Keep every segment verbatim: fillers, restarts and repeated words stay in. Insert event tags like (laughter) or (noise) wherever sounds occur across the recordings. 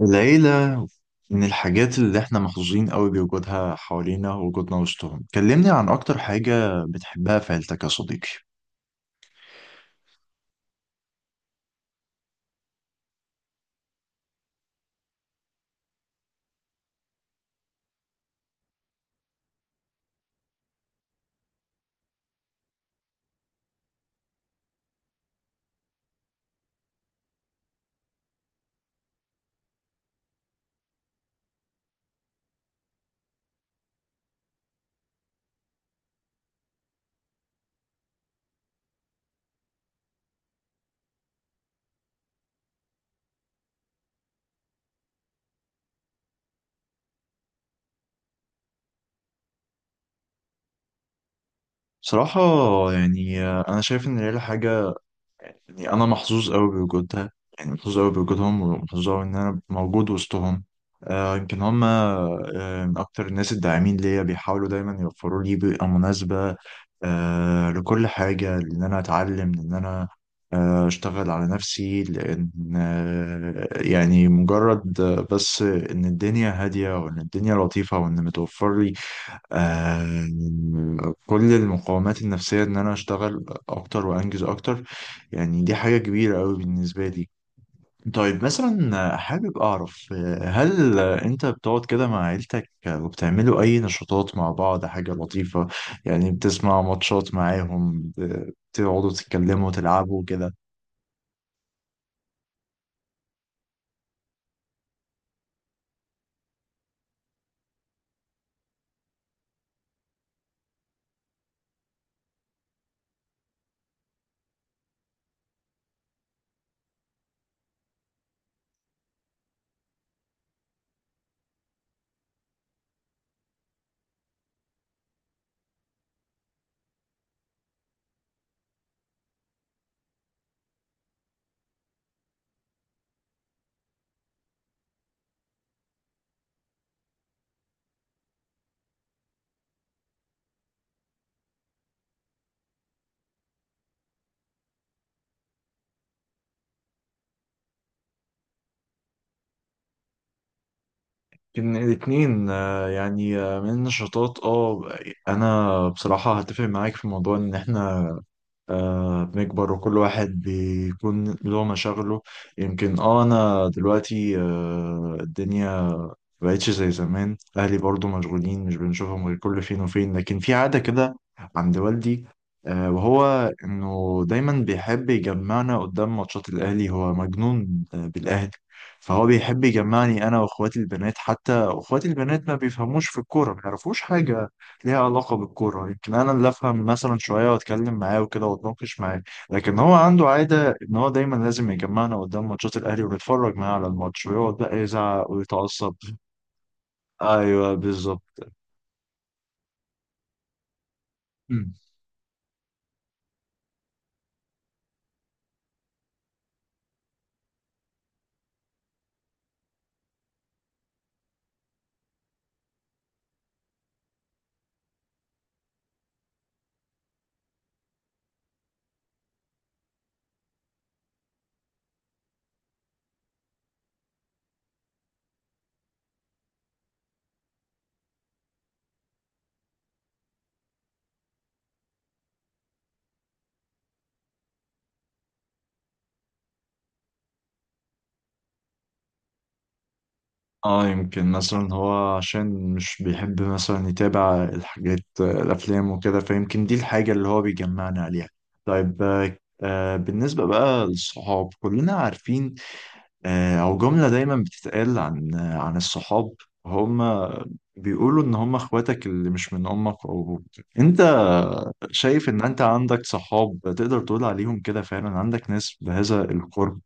العيلة من الحاجات اللي احنا محظوظين قوي بوجودها حوالينا ووجودنا وسطهم. كلمني عن أكتر حاجة بتحبها في عيلتك يا صديقي؟ بصراحة، يعني أنا شايف إن العيلة حاجة، يعني انا محظوظ قوي بوجودها، يعني محظوظ قوي بوجودهم، ومحظوظ قوي ان انا موجود وسطهم. آه يمكن هم آه من اكتر الناس الداعمين ليا، بيحاولوا دايما يوفروا لي بيئة مناسبة آه لكل حاجة، لان انا اتعلم، لان انا آه اشتغل على نفسي، لان آه يعني مجرد، آه، بس ان الدنيا هادية وان الدنيا لطيفة وان متوفر لي آم، كل المقاومات النفسية إن أنا أشتغل أكتر وأنجز أكتر. يعني دي حاجة كبيرة أوي بالنسبة لي. طيب مثلا حابب أعرف، آه، هل أنت بتقعد كده مع عيلتك وبتعملوا أي نشاطات مع بعض؟ حاجة لطيفة، يعني بتسمع ماتشات معاهم، ب- بتقعدوا تتكلموا تلعبوا كده؟ إن الاتنين، آه، يعني آه، من النشاطات. اه انا بصراحة هتفق معاك في موضوع ان احنا آه بنكبر وكل واحد بيكون له مشاغله. يمكن اه انا دلوقتي آه الدنيا مبقتش زي زمان، اهلي برضو مشغولين، مش بنشوفهم غير كل فين وفين، لكن في عادة كده عند والدي، آه، وهو انه دايما بيحب يجمعنا قدام ماتشات الاهلي، هو مجنون آه، بالاهلي. فهو بيحب يجمعني انا واخواتي البنات، حتى اخواتي البنات ما بيفهموش في الكوره، ما يعرفوش حاجه ليها علاقه بالكوره، يمكن انا اللي افهم مثلا شويه واتكلم معاه وكده واتناقش معاه. لكن هو عنده عاده ان هو دايما لازم يجمعنا قدام ماتشات الاهلي ونتفرج معاه على الماتش، ويقعد بقى يزعق ويتعصب. ايوه بالظبط. مم. اه يمكن مثلا هو عشان مش بيحب مثلا يتابع الحاجات، الافلام وكده، فيمكن دي الحاجه اللي هو بيجمعنا عليها. طيب آه آه، بالنسبه بقى للصحاب، كلنا عارفين آه او جمله دايما بتتقال عن آه عن الصحاب، هم بيقولوا ان هم اخواتك اللي مش من امك او ابوك. انت شايف ان انت عندك صحاب تقدر تقول عليهم كده فعلا؟ عندك ناس بهذا القرب؟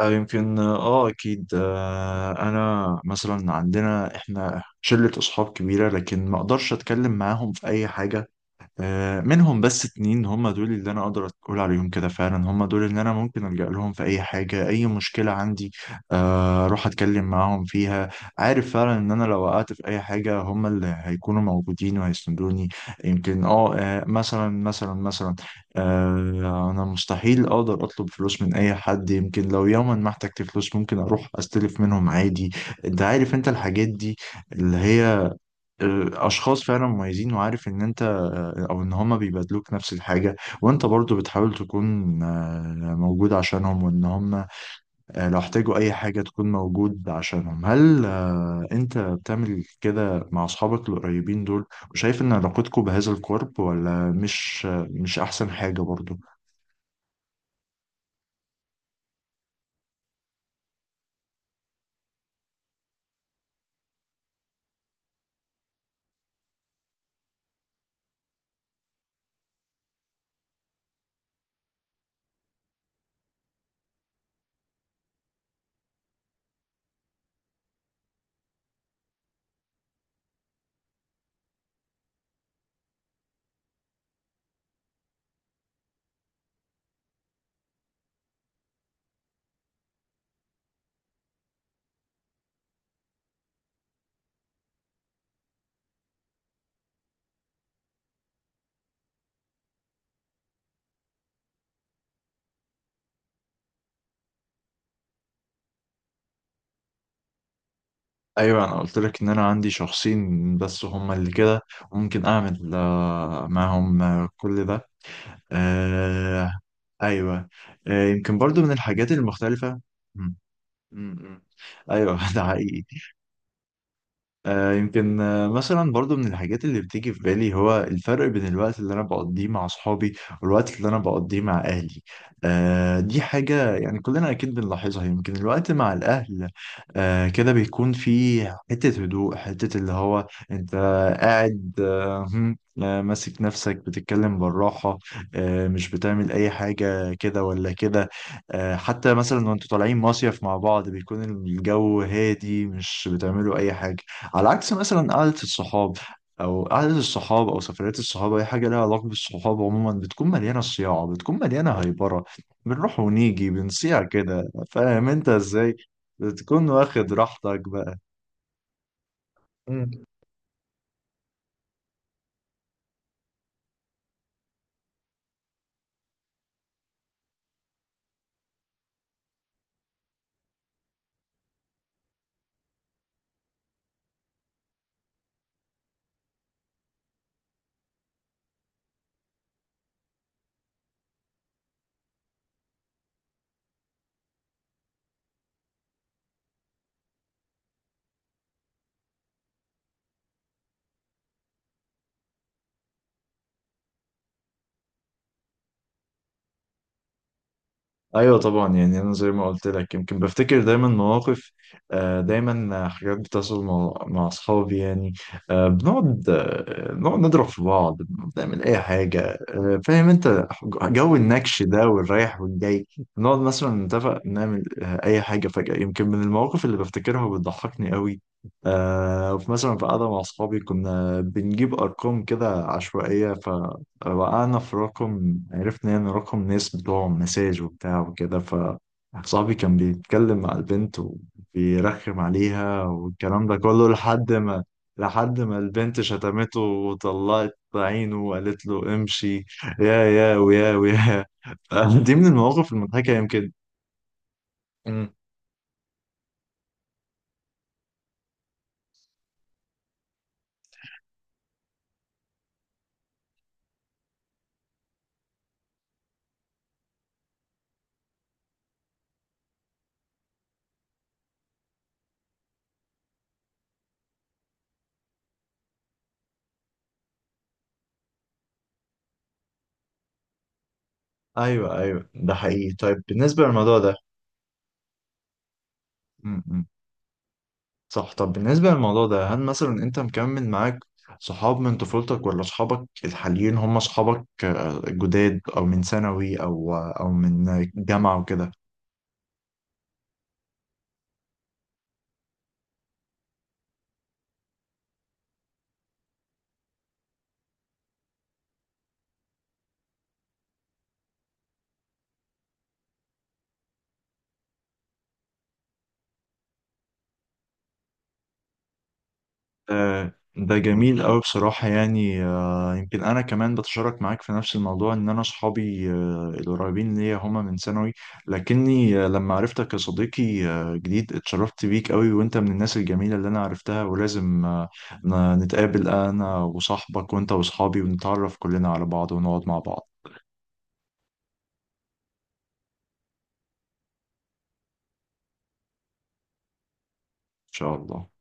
آه، يمكن اه اكيد. آه، انا مثلا عندنا احنا شلة اصحاب كبيرة، لكن ما اقدرش اتكلم معاهم في اي حاجة. آه، منهم بس اتنين هم دول اللي انا اقدر اقول عليهم كده فعلا، هم دول اللي انا ممكن الجأ لهم في اي حاجة اي مشكلة عندي، آه، اروح اتكلم معاهم فيها. عارف فعلا ان انا لو وقعت في اي حاجة هم اللي هيكونوا موجودين وهيسندوني. يمكن اه آه، مثلا مثلا مثلا، آه، انا مستحيل اقدر اطلب فلوس من اي حد، يمكن لو يوما ما احتجت فلوس ممكن اروح استلف منهم عادي. انت عارف انت الحاجات دي اللي هي، آه، اشخاص فعلا مميزين، وعارف ان انت، آه، او ان هما بيبادلوك نفس الحاجه، وانت برضو بتحاول تكون آه، موجود عشانهم، وان هما آه، لو احتاجوا اي حاجه تكون موجود عشانهم. هل آه، انت بتعمل كده مع اصحابك القريبين دول، وشايف ان علاقتكم بهذا القرب ولا مش آه، مش احسن حاجه برضو؟ ايوه انا قلت لك ان انا عندي شخصين بس هما اللي كده، وممكن اعمل آه، معاهم آه، كل ده. آه ايوه. آه يمكن برضو من الحاجات المختلفه. مم. مم. مم. ايوه (laughs) ده حقيقي. آه، يمكن آه، مثلا برضو من الحاجات اللي بتيجي في بالي هو الفرق بين الوقت اللي انا بقضيه مع اصحابي والوقت اللي انا بقضيه مع اهلي. آه، دي حاجة يعني كلنا اكيد بنلاحظها. يمكن الوقت مع الاهل آه، كده بيكون في حتة هدوء، حتة اللي هو انت قاعد، آه، هم، آه، ماسك نفسك بتتكلم بالراحة، آه، مش بتعمل اي حاجة كده ولا كده. آه، حتى مثلا وانتوا طالعين مصيف مع بعض بيكون الجو هادي، مش بتعملوا اي حاجة. على عكس مثلا قعدة الصحاب أو قعدة الصحاب أو سفريات الصحاب، أي حاجة لها علاقة بالصحاب عموما بتكون مليانة صياعة، بتكون مليانة هايبرة، بنروح ونيجي بنصيع كده. فاهم أنت إزاي؟ بتكون واخد راحتك بقى. ايوه طبعا، يعني انا زي ما قلت لك، يمكن بفتكر دايما مواقف، آه، دايما حاجات بتحصل مع مع اصحابي، يعني آه، بنقعد آه، نقعد نضرب في بعض، بنعمل اي حاجه، آه، فاهم انت جو النكش ده والرايح والجاي. نقعد مثلا نتفق نعمل آه، اي حاجه فجاه. يمكن من المواقف اللي بفتكرها وبتضحكني قوي، آه، وفي مثلا، في قعده مع اصحابي كنا بنجيب ارقام كده عشوائيه. أه، وقعنا في رقم، عرفنا يعني رقم ناس بتوعهم مساج وبتاع وكده، فصاحبي كان بيتكلم مع البنت وبيرخم عليها والكلام ده كله، لحد ما لحد ما البنت شتمته وطلعت عينه وقالت له امشي. يا يا ويا ويا. (laughs) دي من المواقف المضحكة يمكن. مم. ايوه ايوه ده حقيقي. طيب بالنسبة للموضوع ده، صح، طب بالنسبة للموضوع ده، هل مثلا انت مكمل معاك صحاب من طفولتك ولا صحابك الحاليين هم صحابك آه، جداد، او من ثانوي او آه، او من جامعة وكده؟ آه، ده جميل أوي بصراحة، يعني آه، يمكن أنا كمان بتشارك معاك في نفس الموضوع، إن أنا أصحابي آه، القريبين ليا هما من ثانوي. لكني آه، لما عرفتك يا صديقي آه، جديد، اتشرفت بيك أوي، وأنت من الناس الجميلة اللي أنا عرفتها، ولازم آه، ن- نتقابل أنا وصاحبك وأنت وصحابي ونتعرف كلنا على بعض ونقعد مع بعض إن شاء الله.